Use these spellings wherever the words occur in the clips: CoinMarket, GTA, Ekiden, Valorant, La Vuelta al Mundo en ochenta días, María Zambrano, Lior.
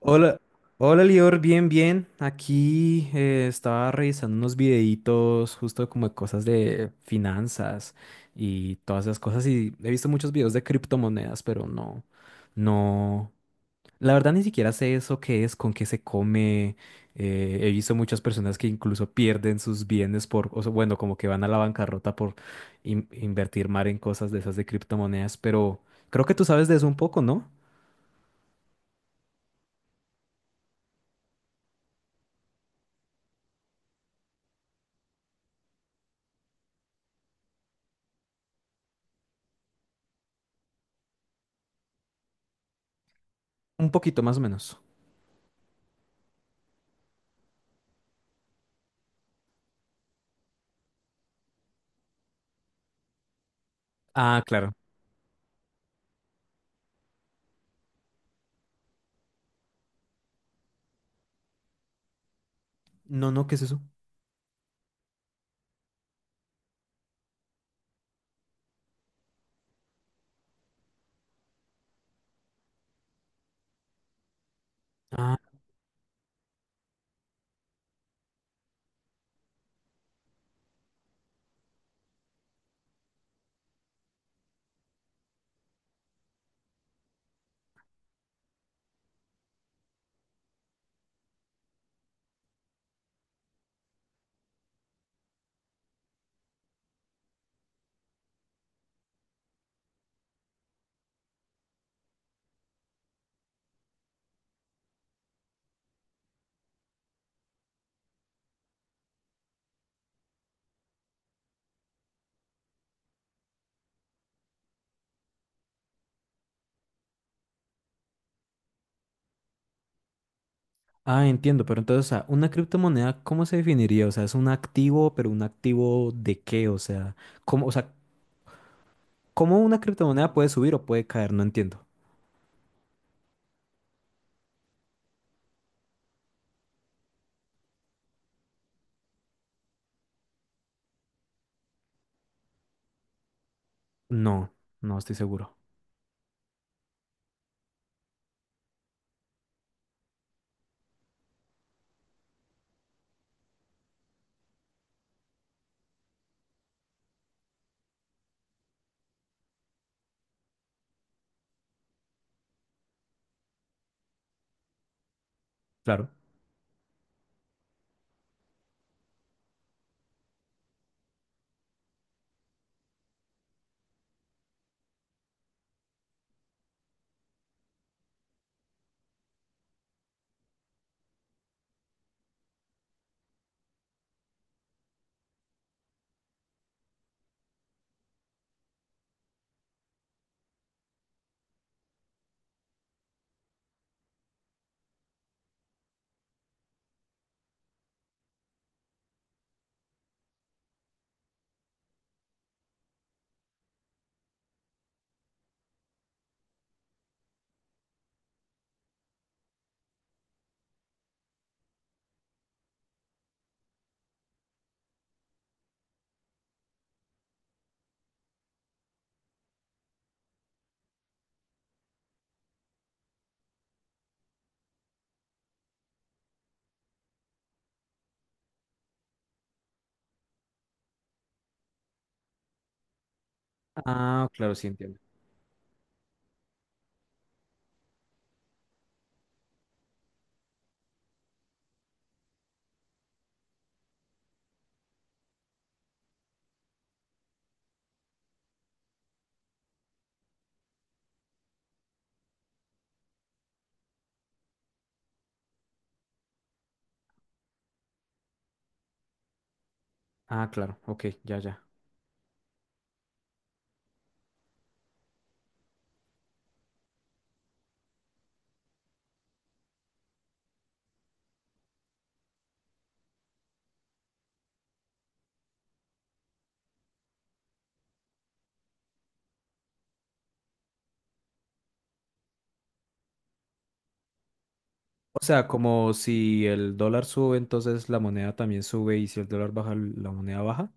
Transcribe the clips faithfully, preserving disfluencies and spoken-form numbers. Hola, hola Lior, bien, bien. Aquí eh, estaba revisando unos videitos justo como de cosas de finanzas y todas esas cosas, y he visto muchos videos de criptomonedas, pero no, no. La verdad ni siquiera sé eso qué es, con qué se come. Eh, he visto muchas personas que incluso pierden sus bienes por, o sea, bueno, como que van a la bancarrota por in- invertir mal en cosas de esas de criptomonedas, pero creo que tú sabes de eso un poco, ¿no? Un poquito más o menos. Ah, claro. No, no, ¿qué es eso? Ah, ah, entiendo, pero entonces, o sea, una criptomoneda, ¿cómo se definiría? O sea, es un activo, pero ¿un activo de qué? O sea, ¿cómo, o sea, ¿cómo una criptomoneda puede subir o puede caer? No entiendo. No, no estoy seguro. Claro. Ah, claro, sí entiendo. Ah, claro, ok, ya, ya. O sea, como si el dólar sube, entonces la moneda también sube, y si el dólar baja, la moneda baja.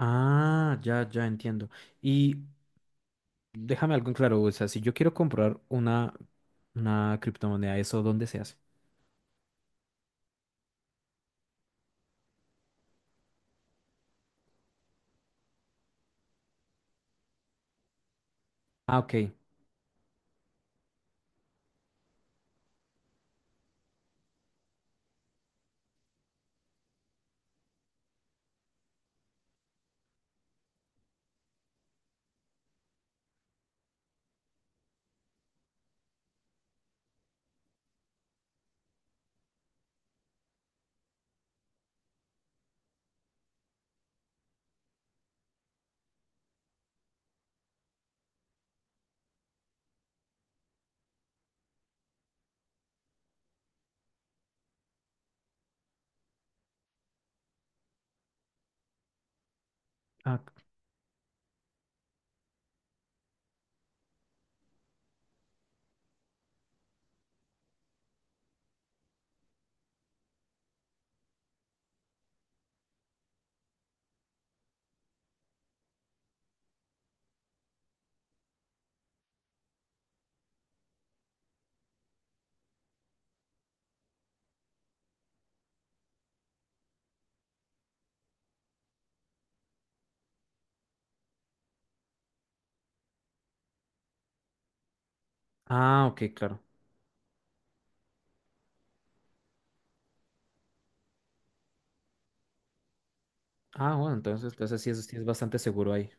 Ah, ya, ya entiendo. Y déjame algo en claro, o sea, si yo quiero comprar una Una criptomoneda, ¿eso dónde se hace? Ah, ok. Ah, c- ah, ok, claro. Ah, bueno, entonces, entonces sí es, sí es bastante seguro ahí.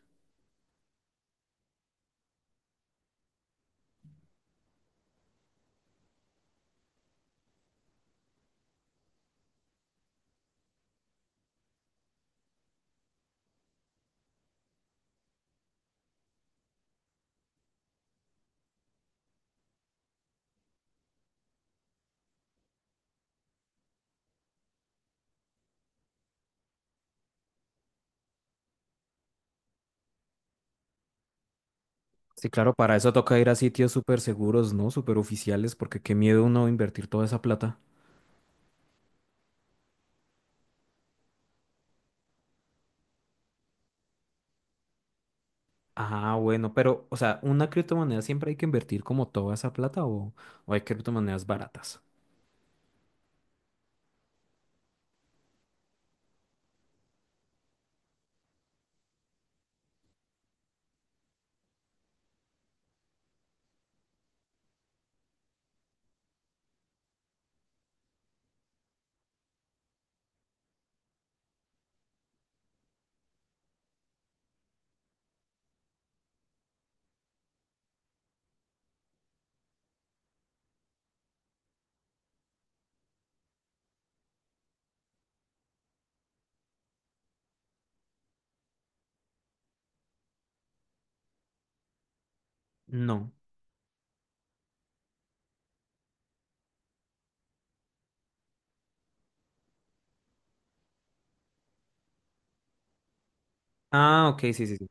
Sí, claro, para eso toca ir a sitios súper seguros, ¿no? Súper oficiales, porque qué miedo uno invertir toda esa plata. Ah, bueno, pero, o sea, ¿una criptomoneda siempre hay que invertir como toda esa plata, o, o hay criptomonedas baratas? No. Ah, ok, sí, sí, sí.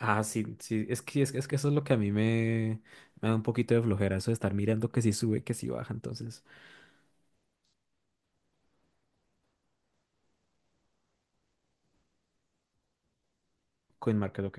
Ah, sí, sí, es que, es, que- es que eso es lo que a mí me, me da un poquito de flojera, eso de estar mirando que si sube, que si baja, entonces, CoinMarket, ok.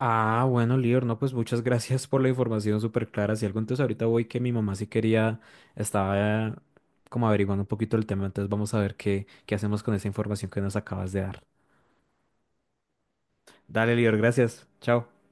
Ah, bueno, Lior, no, pues muchas gracias por la información súper clara. Si algo, entonces ahorita voy que mi mamá sí quería, estaba como averiguando un poquito el tema, entonces vamos a ver qué, qué hacemos con esa información que nos acabas de dar. Dale, Lior, gracias. Chao.